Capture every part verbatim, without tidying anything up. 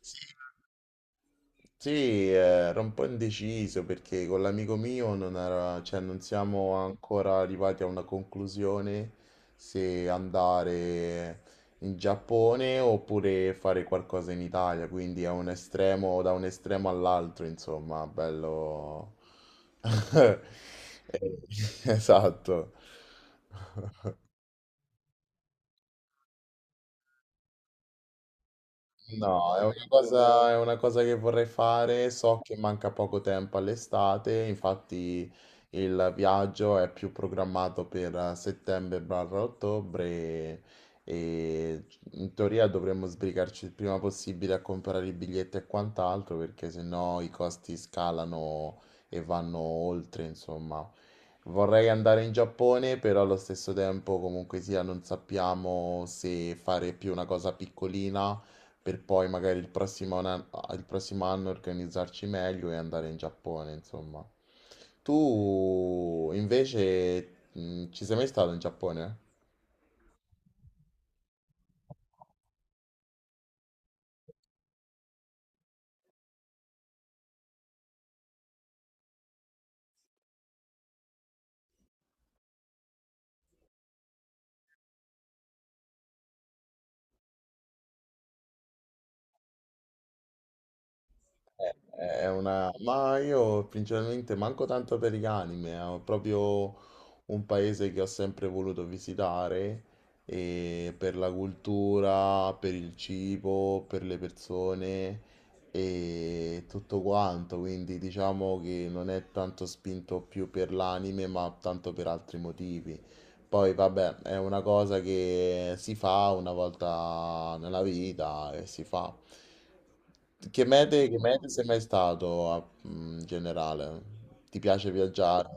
Sì, sì, eh, ero un po' indeciso perché con l'amico mio non era- cioè, non siamo ancora arrivati a una conclusione se andare in Giappone oppure fare qualcosa in Italia, quindi è un estremo, da un estremo all'altro, insomma, bello. Eh, Esatto. No, è una cosa, è una cosa che vorrei fare. So che manca poco tempo all'estate, infatti il viaggio è più programmato per settembre-ottobre e in teoria dovremmo sbrigarci il prima possibile a comprare i biglietti e quant'altro perché sennò i costi scalano e vanno oltre, insomma. Vorrei andare in Giappone, però allo stesso tempo comunque sia non sappiamo se fare più una cosa piccolina per poi magari il prossimo, anno- il prossimo anno organizzarci meglio e andare in Giappone, insomma. Tu invece mh, ci sei mai stato in Giappone? Eh, È una... Ma io principalmente manco tanto per gli anime, è proprio un paese che ho sempre voluto visitare e per la cultura, per il cibo, per le persone e tutto quanto, quindi diciamo che non è tanto spinto più per l'anime, ma tanto per altri motivi. Poi vabbè, è una cosa che si fa una volta nella vita e si fa. Che mete, che mete sei mai stato a- in generale? Ti piace viaggiare?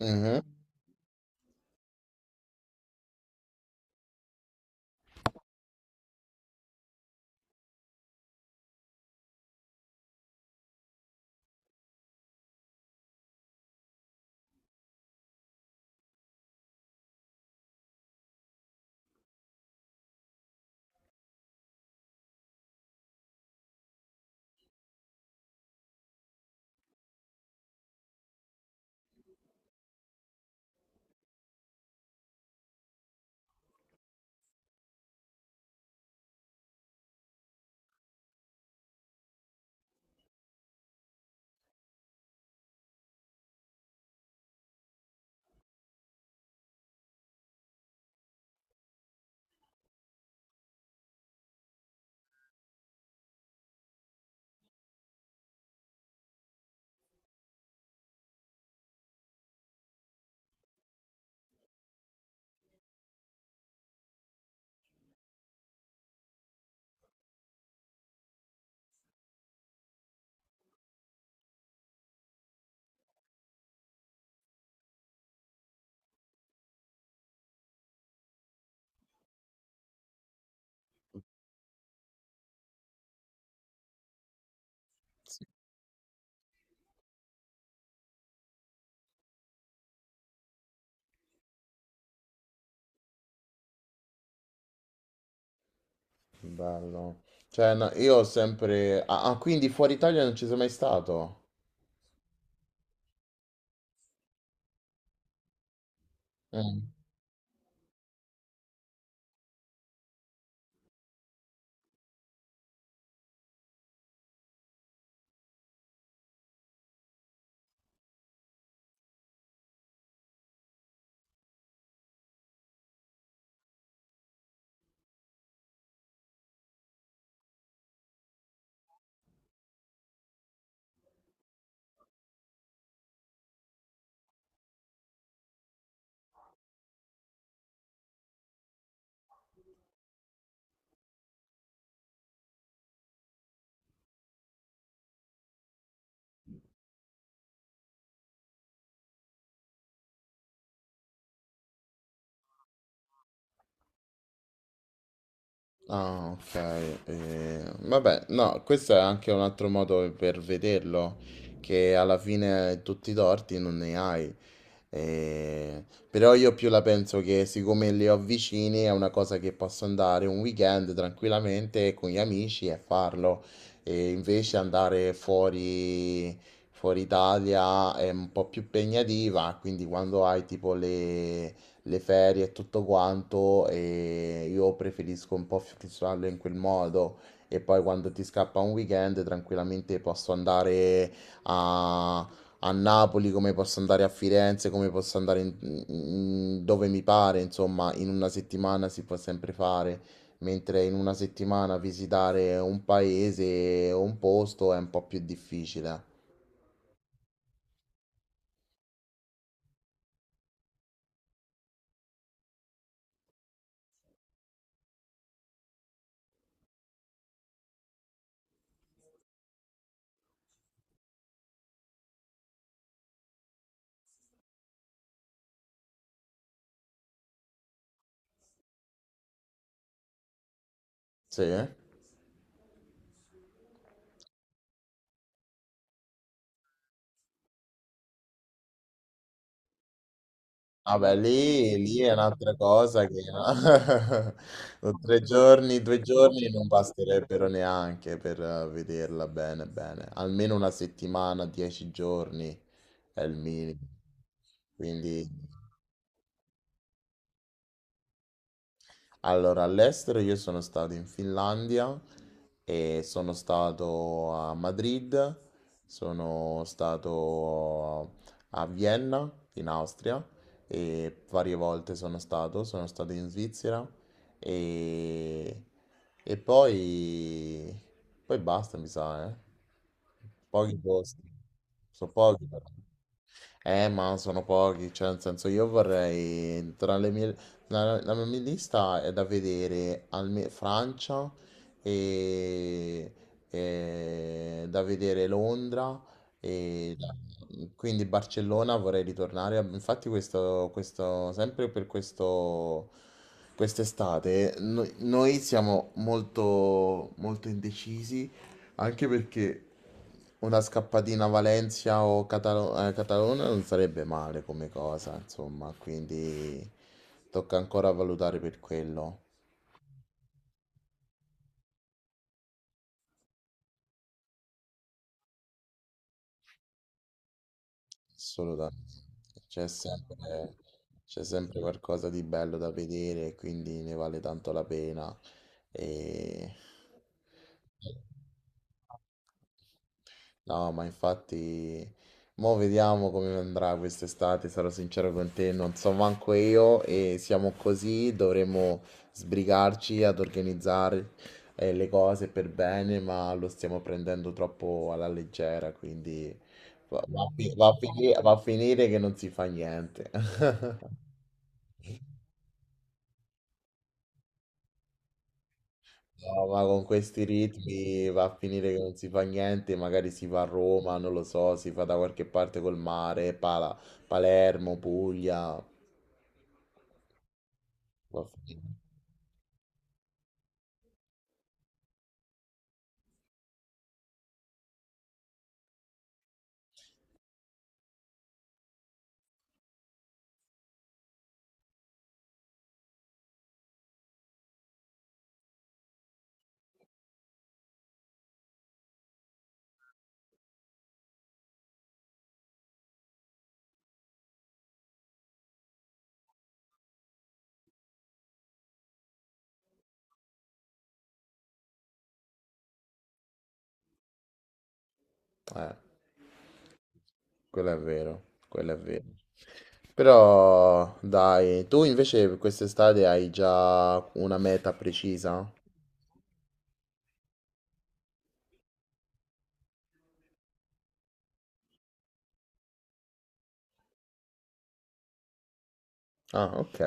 Mhm. Sì, bello. Cioè, no, io ho sempre... Ah, ah, quindi fuori Italia non ci sei mai stato? Ah, ok. eh, vabbè, no, questo è anche un altro modo per vederlo, che alla fine tutti i torti non ne hai. Eh, però io più la penso che siccome li ho vicini è una cosa che posso andare un weekend tranquillamente con gli amici e farlo. E invece andare fuori, fuori Italia è un po' più impegnativa, quindi quando hai tipo le le ferie e tutto quanto e io preferisco un po' fissarlo in quel modo e poi quando ti scappa un weekend tranquillamente posso andare a, a Napoli, come posso andare a Firenze, come posso andare in- in- dove mi pare, insomma, in una settimana si può sempre fare, mentre in una settimana visitare un paese o un posto è un po' più difficile. Sì. Vabbè, lì, lì è un'altra cosa che no? Tre giorni, due giorni non basterebbero neanche per eh, vederla bene, bene. Almeno una settimana, dieci giorni è il minimo. Quindi. Allora, all'estero io sono stato in Finlandia e sono stato a Madrid, sono stato a Vienna, in Austria, e varie volte sono stato, sono stato in Svizzera e, e poi, poi, basta, mi sa, eh. Pochi posti, sono pochi però. Eh, ma sono pochi, cioè nel senso io vorrei tra le mie la, la mia lista è da vedere alme- Francia e, e da vedere Londra e da- quindi Barcellona vorrei ritornare. Infatti questo, questo sempre per questo quest'estate no- noi siamo molto molto indecisi, anche perché una scappatina a Valencia o Catalo- eh, Catalona non sarebbe male come cosa, insomma, quindi tocca ancora valutare per quello. Assolutamente, c'è sempre, c'è sempre qualcosa di bello da vedere, quindi ne vale tanto la pena. E... No, ma infatti, mo vediamo come andrà quest'estate, sarò sincero con te, non so manco io e siamo così, dovremo sbrigarci ad organizzare eh, le cose per bene, ma lo stiamo prendendo troppo alla leggera, quindi Va, va a fi- va a fini- va a finire che non si fa niente. No, ma con questi ritmi va a finire che non si fa niente, magari si va a Roma, non lo so, si fa da qualche parte col mare, Pala- Palermo, Puglia. Va a finire. Eh, quello è vero, quello è vero. Però dai, tu invece per quest'estate hai già una meta precisa? Ah, ok.